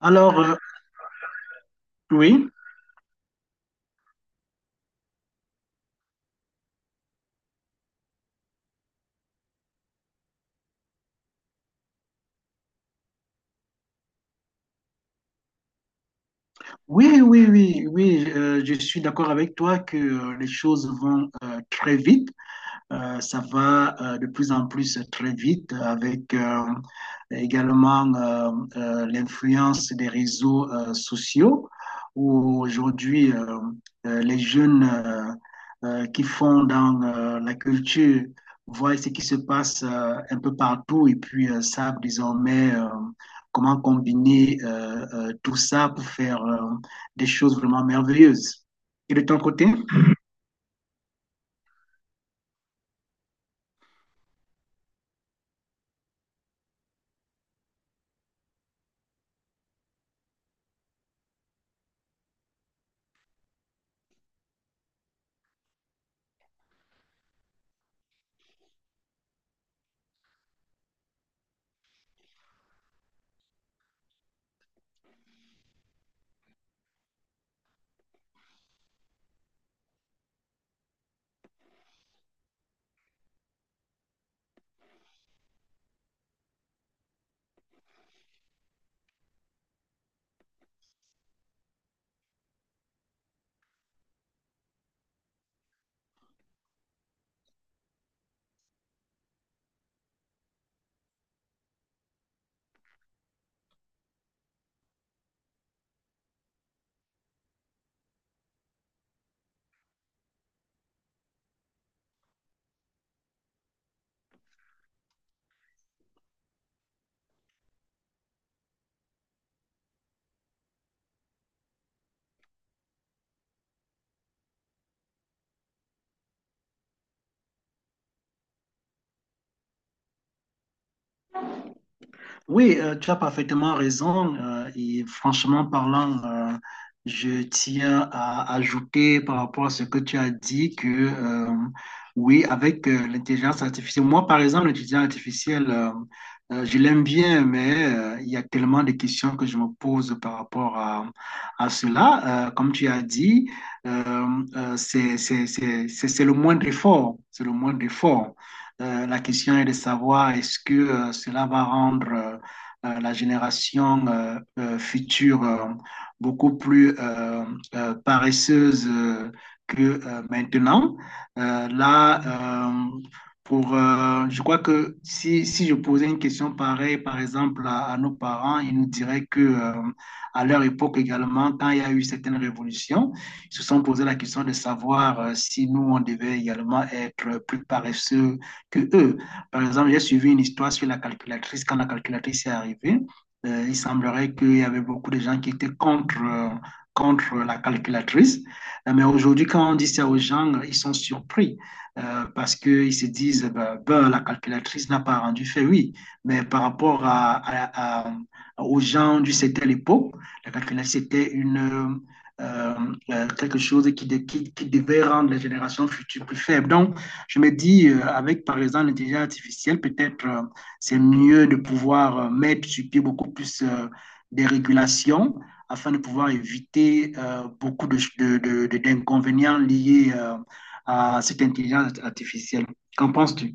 Alors, euh, oui, oui, oui, oui, oui, je suis d'accord avec toi que les choses vont très vite. Ça va de plus en plus très vite avec également l'influence des réseaux sociaux où aujourd'hui les jeunes qui font dans la culture voient ce qui se passe un peu partout et puis savent désormais comment combiner tout ça pour faire des choses vraiment merveilleuses. Et de ton côté? Oui, tu as parfaitement raison. Et franchement parlant, je tiens à ajouter par rapport à ce que tu as dit que oui, avec l'intelligence artificielle, moi par exemple, l'intelligence artificielle, je l'aime bien, mais il y a tellement de questions que je me pose par rapport à cela. Comme tu as dit, c'est le moindre effort. C'est le moindre effort. La question est de savoir est-ce que cela va rendre la génération future beaucoup plus paresseuse que maintenant. Euh, là, euh, je crois que si, je posais une question pareille, par exemple, à nos parents, ils nous diraient que à leur époque également, quand il y a eu certaines révolutions, ils se sont posé la question de savoir si nous, on devait également être plus paresseux que eux. Par exemple, j'ai suivi une histoire sur la calculatrice. Quand la calculatrice est arrivée, il semblerait qu'il y avait beaucoup de gens qui étaient contre, contre la calculatrice. Mais aujourd'hui, quand on dit ça aux gens, ils sont surpris parce qu'ils se disent la calculatrice n'a pas rendu fait, oui. Mais par rapport à, aux gens du c'était l'époque, la calculatrice était une. Quelque chose qui devait rendre les générations futures plus faibles. Donc, je me dis, avec par exemple l'intelligence artificielle, peut-être c'est mieux de pouvoir mettre sur pied beaucoup plus des régulations afin de pouvoir éviter beaucoup de d'inconvénients liés à cette intelligence artificielle. Qu'en penses-tu?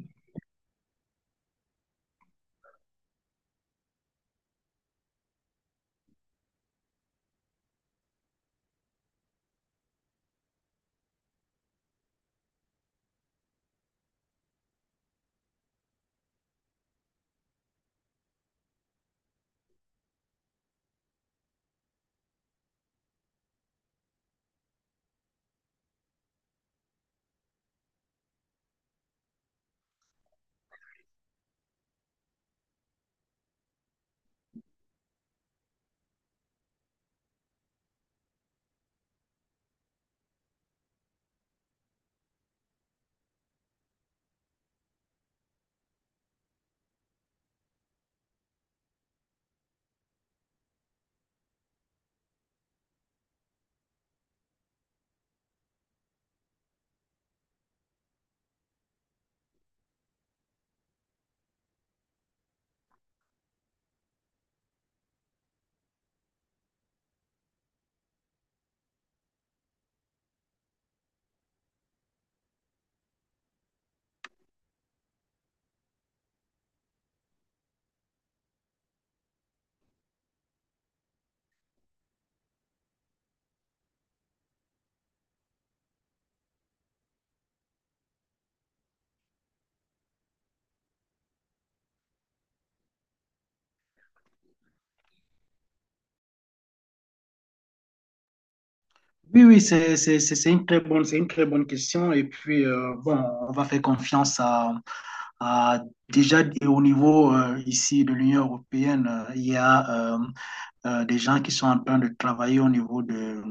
Oui, oui, c'est une très c'est une très bonne question. Et puis, bon, on va faire confiance à, Ah, déjà, et au niveau ici de l'Union européenne, il y a euh, des gens qui sont en train de travailler au niveau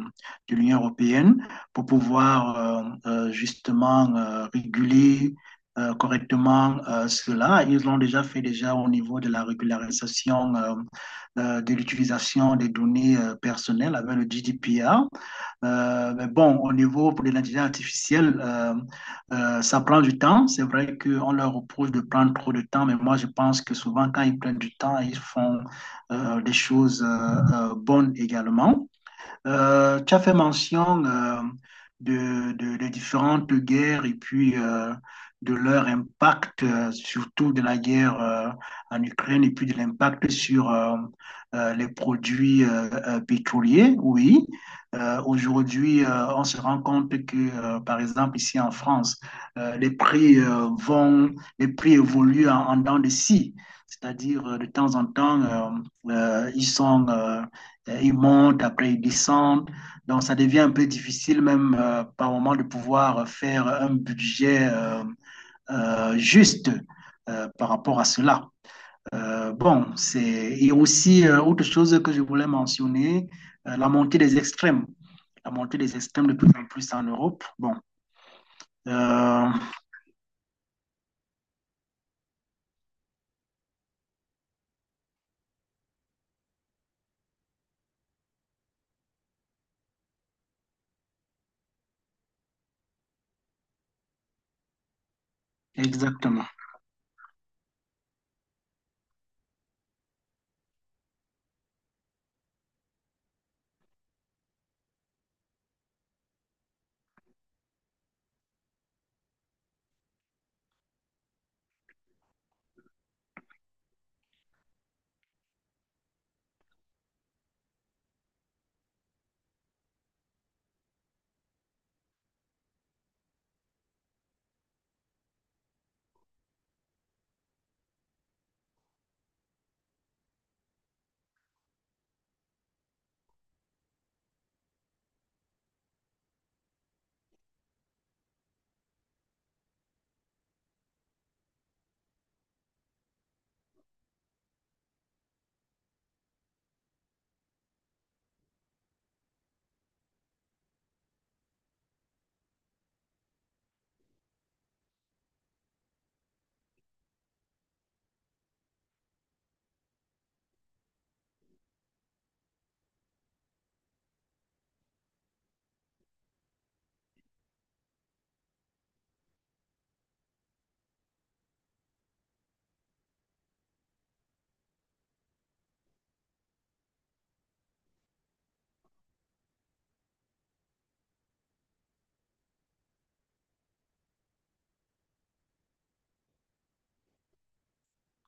de l'Union européenne pour pouvoir justement réguler correctement cela. Ils l'ont déjà fait déjà au niveau de la régularisation de l'utilisation des données personnelles avec le GDPR. Mais bon, au niveau pour l'identité artificielle, ça prend du temps. C'est vrai qu'on leur reproche de prendre trop de temps, mais moi, je pense que souvent, quand ils prennent du temps, ils font des choses bonnes également. Tu as fait mention de, de différentes guerres et puis de leur impact, surtout de la guerre en Ukraine et puis de l'impact sur les produits pétroliers. Oui, aujourd'hui, on se rend compte que, par exemple, ici en France, les prix les prix évoluent en dents de scie. C'est-à-dire, de temps en temps, ils sont, Ils montent, après ils descendent. Donc, ça devient un peu difficile même par moment de pouvoir faire un budget juste par rapport à cela. Bon, c'est... Et aussi, autre chose que je voulais mentionner, la montée des extrêmes. La montée des extrêmes de plus en plus en Europe. Bon, euh, exactement.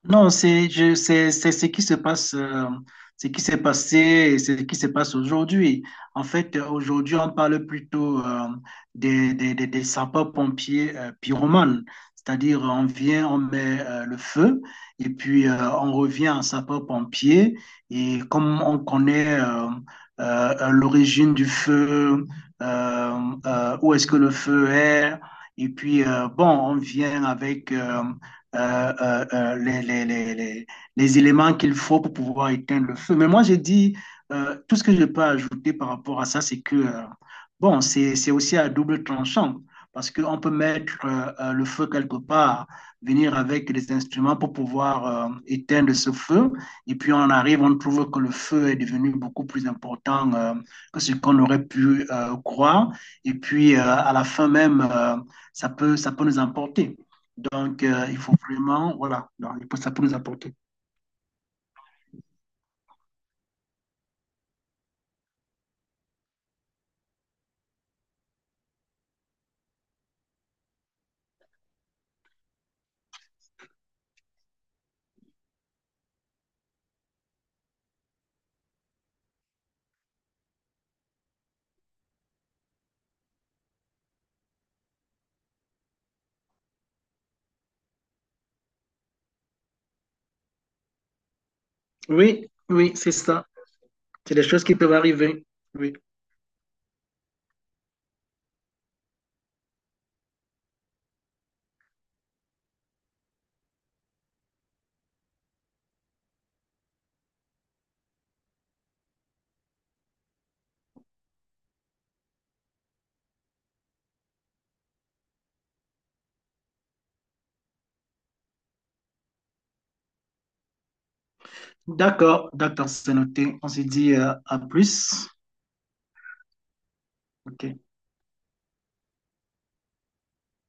Non, c'est je- c'est ce qui se passe, ce qui s'est passé et ce qui se passe aujourd'hui. En fait, aujourd'hui, on parle plutôt des sapeurs-pompiers pyromanes. C'est-à-dire, on vient, on met le feu et puis on revient en sapeur-pompier. Et comme on connaît l'origine du feu, euh, où est-ce que le feu est, et puis, bon, on vient avec... euh, euh, euh, les, les, les, les- les éléments qu'il faut pour pouvoir éteindre le feu. Mais moi, j'ai dit, tout ce que je peux ajouter par rapport à ça, c'est que, bon, c'est aussi à double tranchant, parce qu'on peut mettre le feu quelque part, venir avec des instruments pour pouvoir éteindre ce feu, et puis on arrive, on trouve que le feu est devenu beaucoup plus important que ce qu'on aurait pu croire, et puis à la fin même, ça peut nous emporter. Donc, il faut vraiment, voilà, donc, ça peut nous apporter. Oui, oui, c'est ça. C'est des choses qui peuvent arriver. Oui. D'accord, d'accord, c'est noté. On se dit à plus. OK.